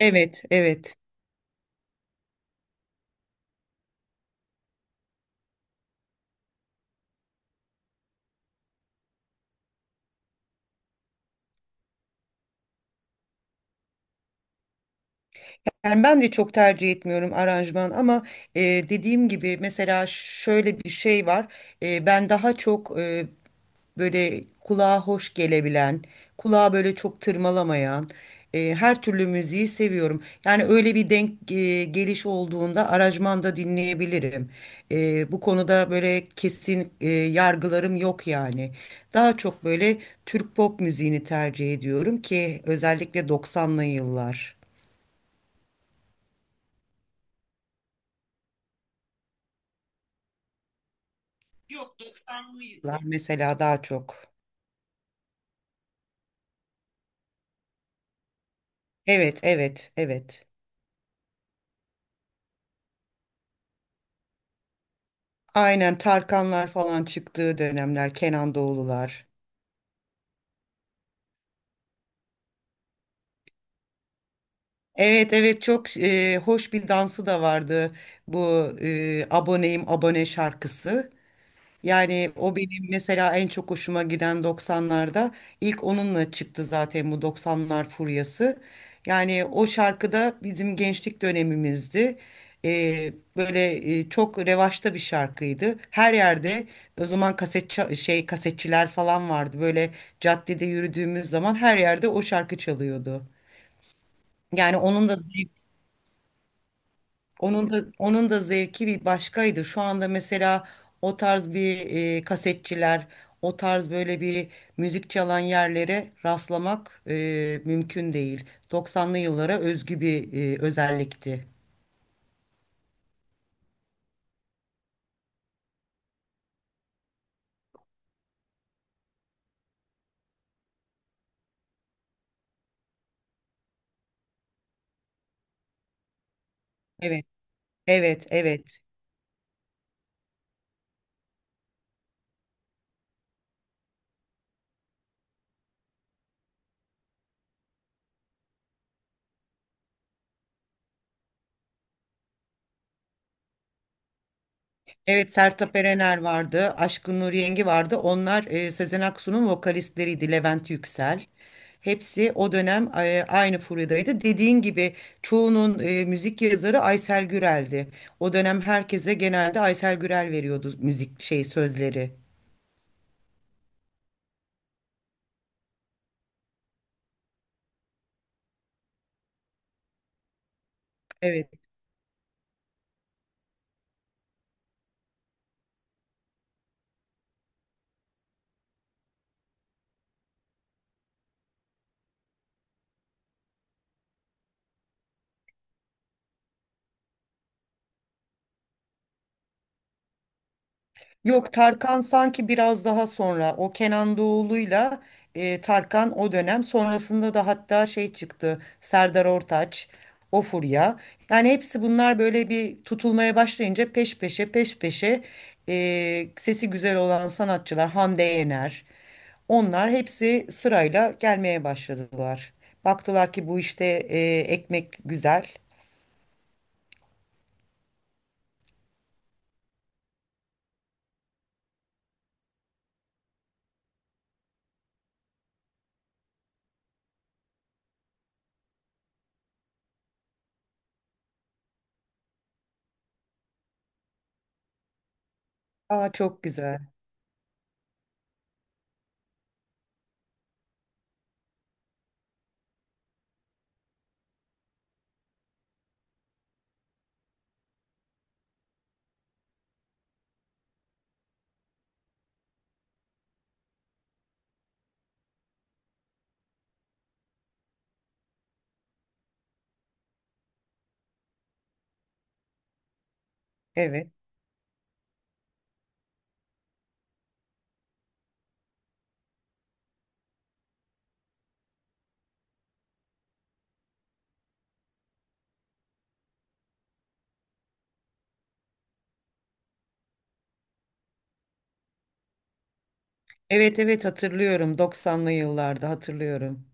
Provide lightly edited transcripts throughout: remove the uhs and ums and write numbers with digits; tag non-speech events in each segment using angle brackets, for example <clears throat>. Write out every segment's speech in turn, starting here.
Evet, evet. Yani ben de çok tercih etmiyorum aranjman ama dediğim gibi mesela şöyle bir şey var. Ben daha çok böyle kulağa hoş gelebilen, kulağa böyle çok tırmalamayan her türlü müziği seviyorum. Yani öyle bir denk geliş olduğunda aranjmanda dinleyebilirim. Bu konuda böyle kesin yargılarım yok yani. Daha çok böyle Türk pop müziğini tercih ediyorum ki özellikle doksanlı yıllar. Tarkanlar mesela daha çok. Evet, evet, evet. Aynen Tarkanlar falan çıktığı dönemler, Kenan Doğulular. Evet, evet, çok hoş bir dansı da vardı bu aboneyim abone şarkısı. Yani o benim mesela en çok hoşuma giden 90'larda ilk onunla çıktı zaten bu 90'lar furyası. Yani o şarkıda bizim gençlik dönemimizdi. Böyle çok revaçta bir şarkıydı. Her yerde o zaman şey kasetçiler falan vardı. Böyle caddede yürüdüğümüz zaman her yerde o şarkı çalıyordu. Yani onun da zevki bir başkaydı. Şu anda mesela o tarz bir kasetçiler, o tarz böyle bir müzik çalan yerlere rastlamak mümkün değil. Doksanlı yıllara özgü bir özellikti. Evet, evet, evet. Evet, Sertab Erener vardı, Aşkın Nur Yengi vardı. Onlar Sezen Aksu'nun vokalistleriydi, Levent Yüksel. Hepsi o dönem aynı furyadaydı. Dediğin gibi çoğunun müzik yazarı Aysel Gürel'di. O dönem herkese genelde Aysel Gürel veriyordu müzik şey sözleri. Evet. Yok, Tarkan sanki biraz daha sonra o Kenan Doğulu'yla, Tarkan o dönem sonrasında da, hatta şey çıktı Serdar Ortaç, o furya. Yani hepsi bunlar böyle bir tutulmaya başlayınca, peş peşe peş peşe sesi güzel olan sanatçılar, Hande Yener, onlar hepsi sırayla gelmeye başladılar. Baktılar ki bu işte ekmek güzel. Aa, çok güzel. Evet. Evet, evet, hatırlıyorum, 90'lı yıllarda hatırlıyorum.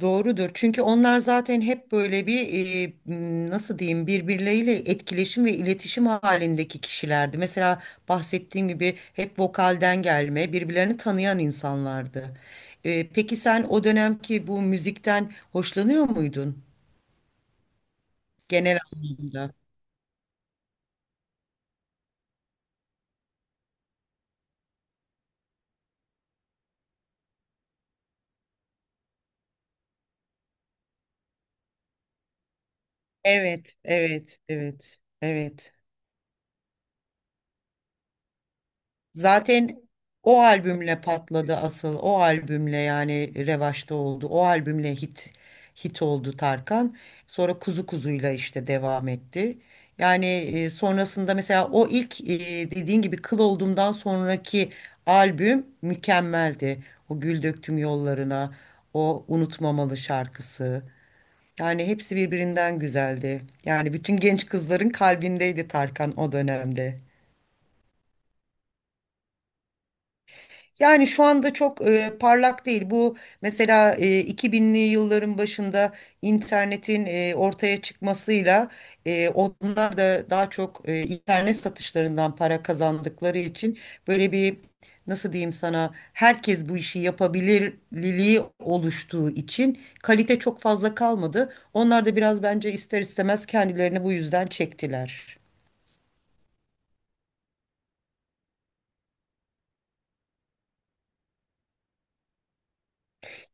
Doğrudur. Çünkü onlar zaten hep böyle bir nasıl diyeyim, birbirleriyle etkileşim ve iletişim halindeki kişilerdi. Mesela bahsettiğim gibi hep vokalden gelme, birbirlerini tanıyan insanlardı. Peki sen o dönemki bu müzikten hoşlanıyor muydun genel anlamda? Evet, evet, evet, evet. Zaten o albümle patladı asıl. O albümle yani revaçta oldu. O albümle hit oldu Tarkan. Sonra Kuzu Kuzu'yla işte devam etti. Yani sonrasında mesela o ilk, dediğin gibi, Kıl Oldum'dan sonraki albüm mükemmeldi. O Gül Döktüm Yollarına, o Unutmamalı şarkısı. Yani hepsi birbirinden güzeldi. Yani bütün genç kızların kalbindeydi Tarkan o dönemde. Yani şu anda çok parlak değil. Bu mesela 2000'li yılların başında, internetin ortaya çıkmasıyla, onlar da daha çok internet satışlarından para kazandıkları için, böyle bir, nasıl diyeyim sana, herkes bu işi yapabilirliliği oluştuğu için kalite çok fazla kalmadı. Onlar da biraz bence ister istemez kendilerini bu yüzden çektiler.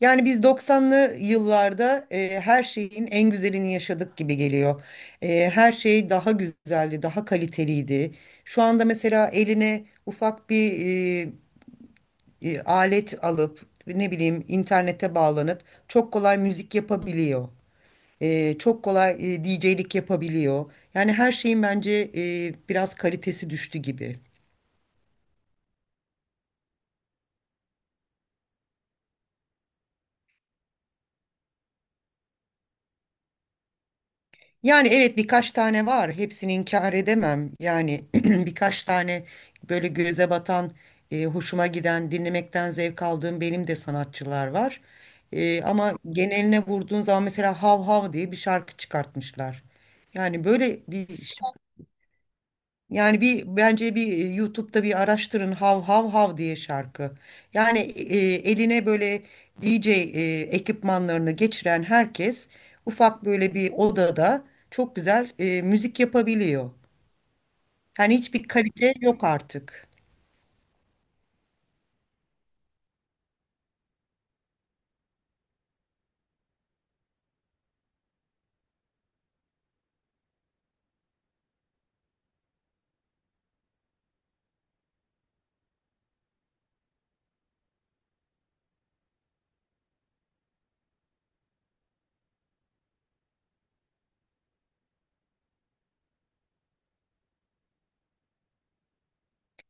Yani biz 90'lı yıllarda her şeyin en güzelini yaşadık gibi geliyor. Her şey daha güzeldi, daha kaliteliydi. Şu anda mesela eline ufak bir e, alet alıp, ne bileyim, internete bağlanıp çok kolay müzik yapabiliyor. Çok kolay DJ'lik yapabiliyor. Yani her şeyin bence biraz kalitesi düştü gibi. Yani evet, birkaç tane var. Hepsini inkar edemem. Yani <clears throat> birkaç tane böyle göze batan, hoşuma giden, dinlemekten zevk aldığım benim de sanatçılar var. Ama geneline vurduğun zaman, mesela Hav Hav diye bir şarkı çıkartmışlar. Yani böyle bir, yani bir, bence bir YouTube'da bir araştırın hav hav hav diye şarkı. Yani eline böyle DJ ekipmanlarını geçiren herkes, ufak böyle bir odada çok güzel müzik yapabiliyor. Yani hiçbir kalite yok artık.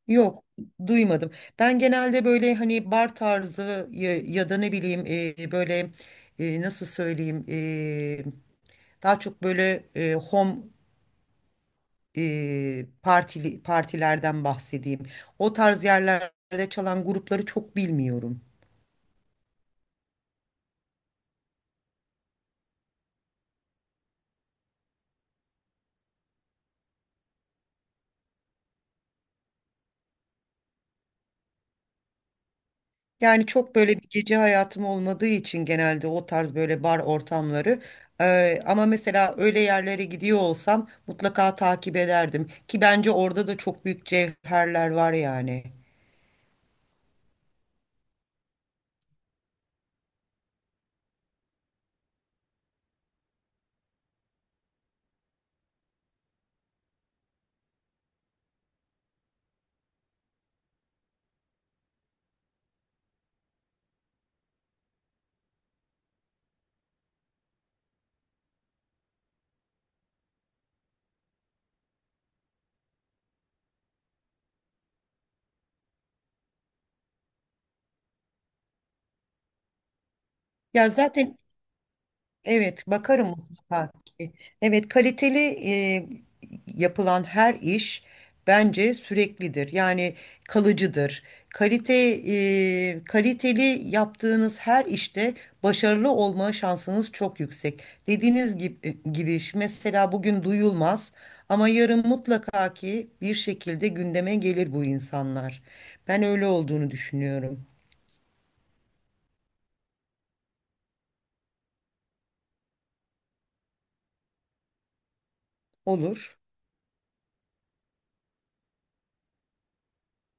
Yok, duymadım. Ben genelde böyle hani bar tarzı ya, ya da ne bileyim, böyle, nasıl söyleyeyim, daha çok böyle home partili partilerden bahsedeyim. O tarz yerlerde çalan grupları çok bilmiyorum. Yani çok böyle bir gece hayatım olmadığı için, genelde o tarz böyle bar ortamları. Ama mesela öyle yerlere gidiyor olsam mutlaka takip ederdim, ki bence orada da çok büyük cevherler var yani. Ya zaten, evet, bakarım mutlaka, ki. Evet, kaliteli e, yapılan her iş bence süreklidir. Yani kalıcıdır. Kaliteli yaptığınız her işte başarılı olma şansınız çok yüksek. Dediğiniz gibi, mesela bugün duyulmaz ama yarın mutlaka ki bir şekilde gündeme gelir bu insanlar. Ben öyle olduğunu düşünüyorum. Olur.